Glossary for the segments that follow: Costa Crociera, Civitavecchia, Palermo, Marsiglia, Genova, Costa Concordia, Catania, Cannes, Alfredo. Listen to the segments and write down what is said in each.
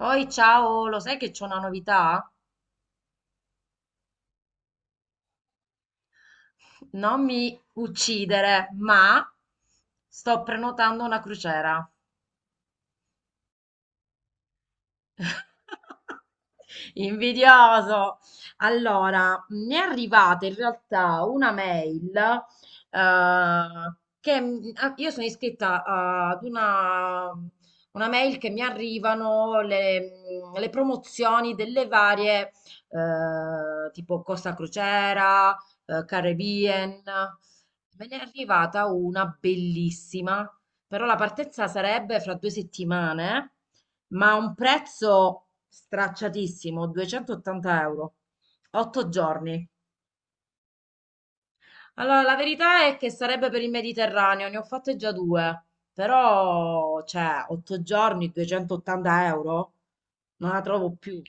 Oi, ciao, lo sai che c'è una novità? Non mi uccidere, ma sto prenotando una crociera. Invidioso. Allora, mi è arrivata in realtà una mail che io sono iscritta ad una mail che mi arrivano le promozioni delle varie tipo Costa Crociera, Caribbean. Me ne è arrivata una bellissima, però la partenza sarebbe fra 2 settimane. Ma a un prezzo stracciatissimo, 280 euro, 8 giorni. Allora, la verità è che sarebbe per il Mediterraneo, ne ho fatte già due, però, cioè, 8 giorni, 280 euro, non la trovo più.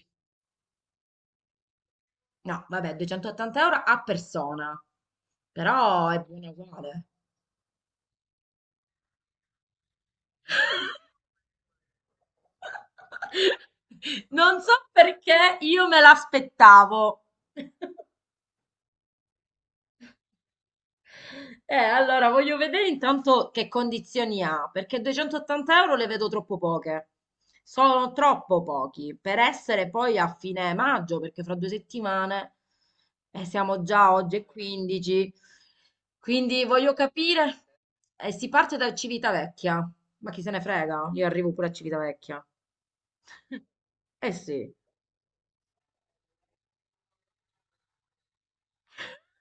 No, vabbè, 280 euro a persona, però è buona uguale. Non so perché io me l'aspettavo. Allora voglio vedere intanto che condizioni ha, perché 280 euro le vedo troppo poche. Sono troppo pochi per essere poi a fine maggio, perché fra 2 settimane siamo già oggi è 15. Quindi voglio capire. Si parte da Civitavecchia, ma chi se ne frega? Io arrivo pure a Civitavecchia. Eh sì.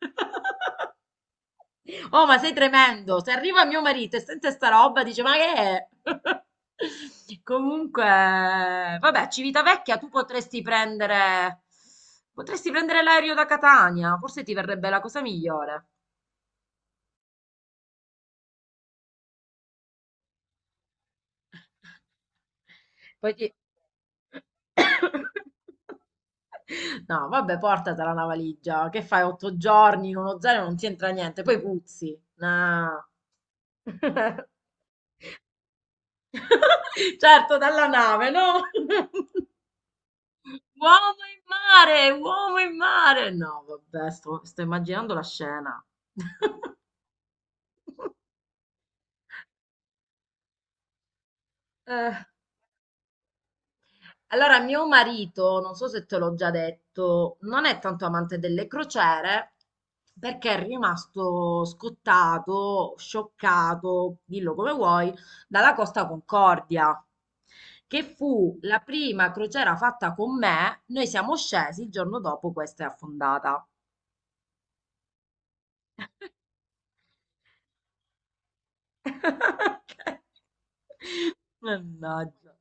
Oh, ma sei tremendo! Se arriva mio marito e sente sta roba, dice: Ma che è? Comunque, vabbè, Civitavecchia, tu potresti prendere. Potresti prendere l'aereo da Catania, forse ti verrebbe la cosa migliore. Poi ti. No, vabbè, portatela una valigia. Che fai? Otto giorni in uno zaino non ti entra niente, poi puzzi. No. Certo, dalla nave, no? Uomo in mare, uomo in mare. No, vabbè, sto immaginando la scena. Eh, allora, mio marito, non so se te l'ho già detto, non è tanto amante delle crociere perché è rimasto scottato, scioccato, dillo come vuoi, dalla Costa Concordia, che fu la prima crociera fatta con me. Noi siamo scesi, il giorno dopo questa è affondata. Mannaggia.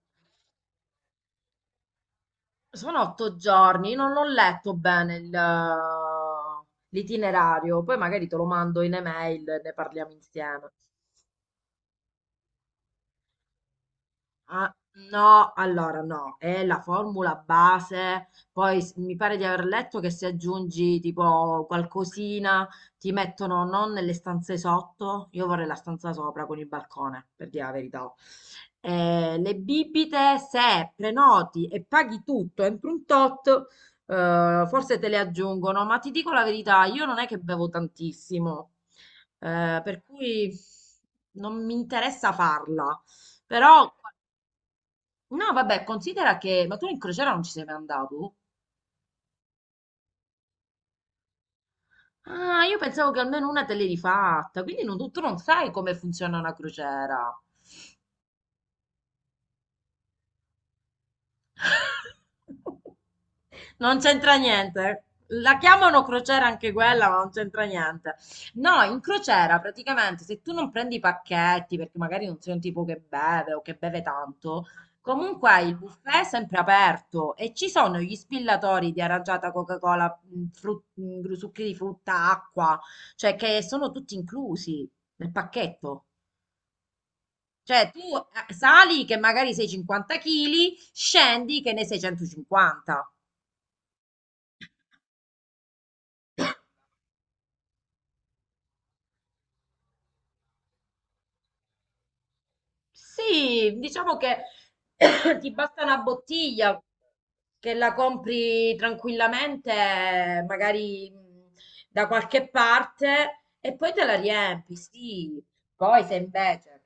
Sono 8 giorni, non ho letto bene l'itinerario, poi magari te lo mando in email e ne parliamo insieme. Ah, no, allora no, è la formula base, poi mi pare di aver letto che se aggiungi tipo qualcosina ti mettono non nelle stanze sotto, io vorrei la stanza sopra con il balcone, per dire la verità. Le bibite, se prenoti e paghi tutto entro un tot, forse te le aggiungono, ma ti dico la verità, io non è che bevo tantissimo, per cui non mi interessa farla. Però no, vabbè, considera che... Ma tu in crociera non ci sei mai andato? Ah, io pensavo che almeno una te l'eri fatta, quindi tu non sai come funziona una crociera. Non c'entra niente. La chiamano crociera anche quella, ma non c'entra niente. No, in crociera praticamente se tu non prendi i pacchetti, perché magari non sei un tipo che beve o che beve tanto, comunque il buffet è sempre aperto e ci sono gli spillatori di aranciata, Coca-Cola, succhi di frutta, acqua, cioè che sono tutti inclusi nel pacchetto. Cioè tu sali che magari sei 50 kg, scendi che ne sei 150. Sì, diciamo che ti basta una bottiglia che la compri tranquillamente, magari da qualche parte, e poi te la riempi, sì. Poi se invece...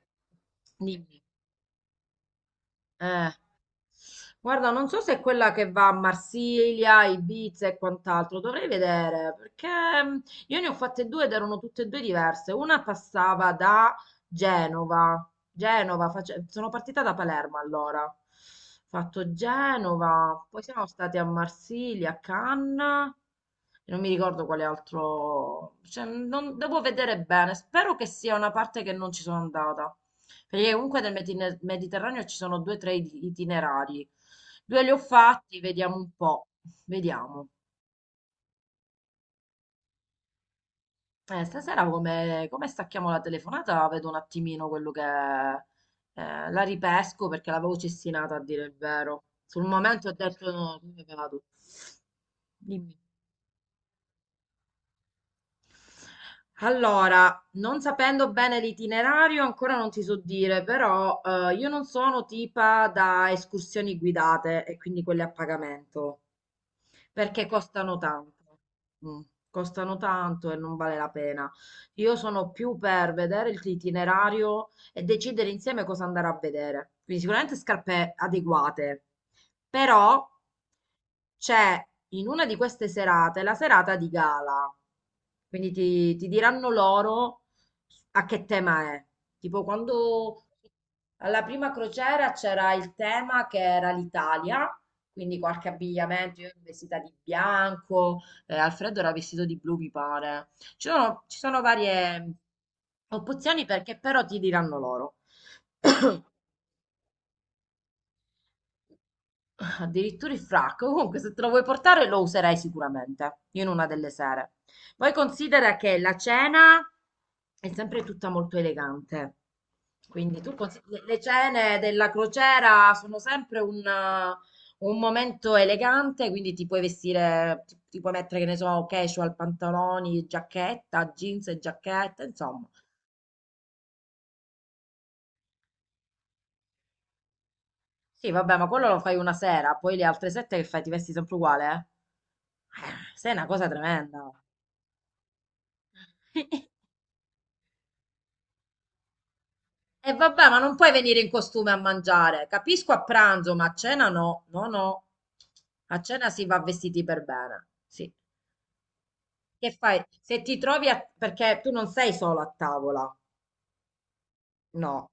Dimmi. Eh, guarda, non so se è quella che va a Marsiglia, Ibiza e quant'altro, dovrei vedere, perché mm, io ne ho fatte due ed erano tutte e due diverse. Una passava da Genova, sono partita da Palermo allora, ho fatto Genova, poi siamo stati a Marsiglia, a Cannes, e non mi ricordo quale altro, cioè, devo vedere bene, spero che sia una parte che non ci sono andata. Perché comunque nel Mediterraneo ci sono due o tre itinerari. Due li ho fatti, vediamo un po'. Vediamo. Stasera come stacchiamo la telefonata, vedo un attimino quello che... La ripesco perché l'avevo cestinata a dire il vero. Sul momento ho detto no, come vado? Dimmi. Allora, non sapendo bene l'itinerario, ancora non ti so dire, però io non sono tipa da escursioni guidate e quindi quelle a pagamento, perché costano tanto. Mm, Costano tanto e non vale la pena. Io sono più per vedere l'itinerario e decidere insieme cosa andare a vedere. Quindi sicuramente scarpe adeguate, però c'è in una di queste serate la serata di gala. Quindi ti diranno loro a che tema è. Tipo quando alla prima crociera c'era il tema che era l'Italia, quindi qualche abbigliamento, io ero vestita di bianco, Alfredo era vestito di blu, mi pare. Ci sono varie opzioni perché però ti diranno loro. Addirittura il frac, comunque se te lo vuoi portare lo userai sicuramente, io in una delle sere. Poi considera che la cena è sempre tutta molto elegante. Quindi tu le cene della crociera sono sempre un momento elegante, quindi ti puoi vestire, ti puoi mettere, che ne so, casual, pantaloni, giacchetta, jeans e giacchetta, insomma. Sì, vabbè, ma quello lo fai una sera, poi le altre sette che fai? Ti vesti sempre uguale, eh? Sei una cosa tremenda. E vabbè, ma non puoi venire in costume a mangiare. Capisco a pranzo, ma a cena no. No, no. A cena si va vestiti per bene. Sì. Che fai? Se ti trovi perché tu non sei solo a tavola, no.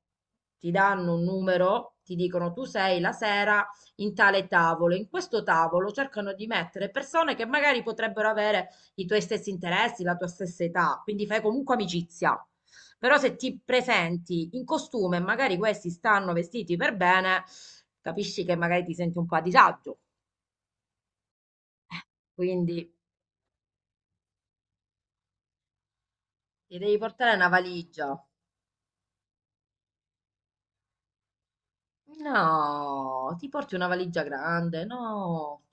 Ti danno un numero, ti dicono tu sei la sera in tale tavolo. In questo tavolo cercano di mettere persone che magari potrebbero avere i tuoi stessi interessi, la tua stessa età, quindi fai comunque amicizia. Però se ti presenti in costume e magari questi stanno vestiti per bene, capisci che magari ti senti un po' a disagio. Quindi ti devi portare una valigia. No, ti porti una valigia grande, no.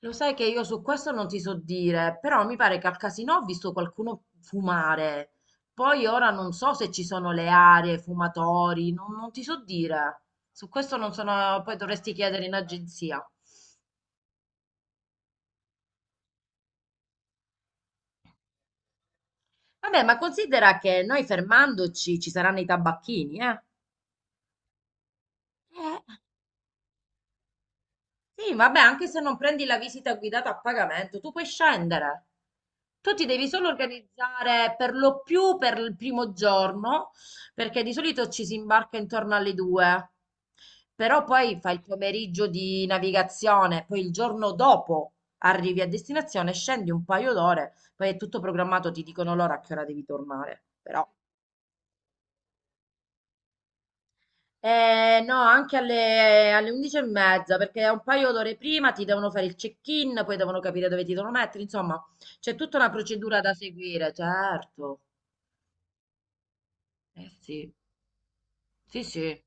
Lo sai che io su questo non ti so dire, però mi pare che al casino ho visto qualcuno fumare. Poi ora non so se ci sono le aree, fumatori, non ti so dire. Su questo non sono, poi dovresti chiedere in agenzia. Vabbè, ma considera che noi fermandoci ci saranno i tabacchini, eh? Eh. Sì, vabbè, anche se non prendi la visita guidata a pagamento, tu puoi scendere. Tu ti devi solo organizzare per lo più per il primo giorno, perché di solito ci si imbarca intorno alle 2. Però poi fai il pomeriggio di navigazione, poi il giorno dopo arrivi a destinazione, scendi un paio d'ore, poi è tutto programmato, ti dicono l'ora a che ora devi tornare. Però No, anche alle 11 e mezza, perché un paio d'ore prima ti devono fare il check-in, poi devono capire dove ti devono mettere, insomma, c'è tutta una procedura da seguire, certo. Eh sì, sì, sì.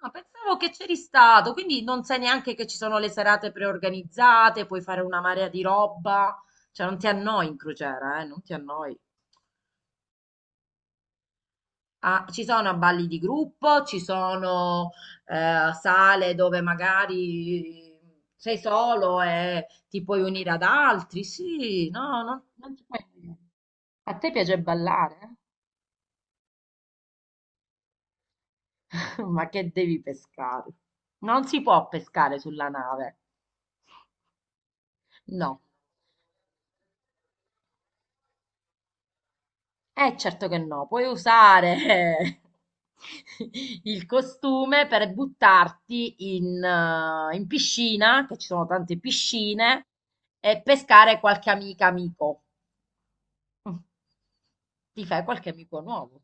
Ah, pensavo che c'eri stato, quindi non sai neanche che ci sono le serate preorganizzate, puoi fare una marea di roba, cioè non ti annoi in crociera, non ti annoi. Ah, ci sono balli di gruppo, ci sono sale dove magari sei solo e ti puoi unire ad altri. Sì, no, non ti puoi unire. A te piace ballare? Ma che devi pescare? Non si può pescare sulla nave. No. Certo che no, puoi usare il costume per buttarti in piscina, che ci sono tante piscine, e pescare qualche amica amico. Mm. Ti fai qualche amico nuovo.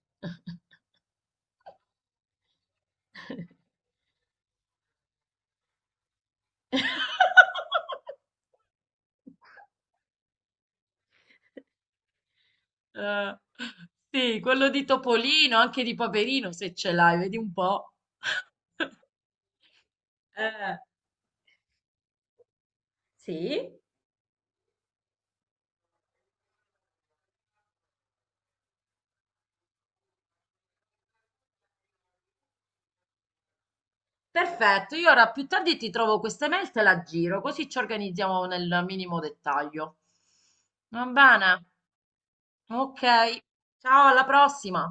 Eh, sì, quello di Topolino, anche di Paperino, se ce l'hai, vedi un po'. Eh, sì. Perfetto, io ora più tardi ti trovo queste mail, te la giro, così ci organizziamo nel minimo dettaglio. Va bene? Ok. Ciao, alla prossima.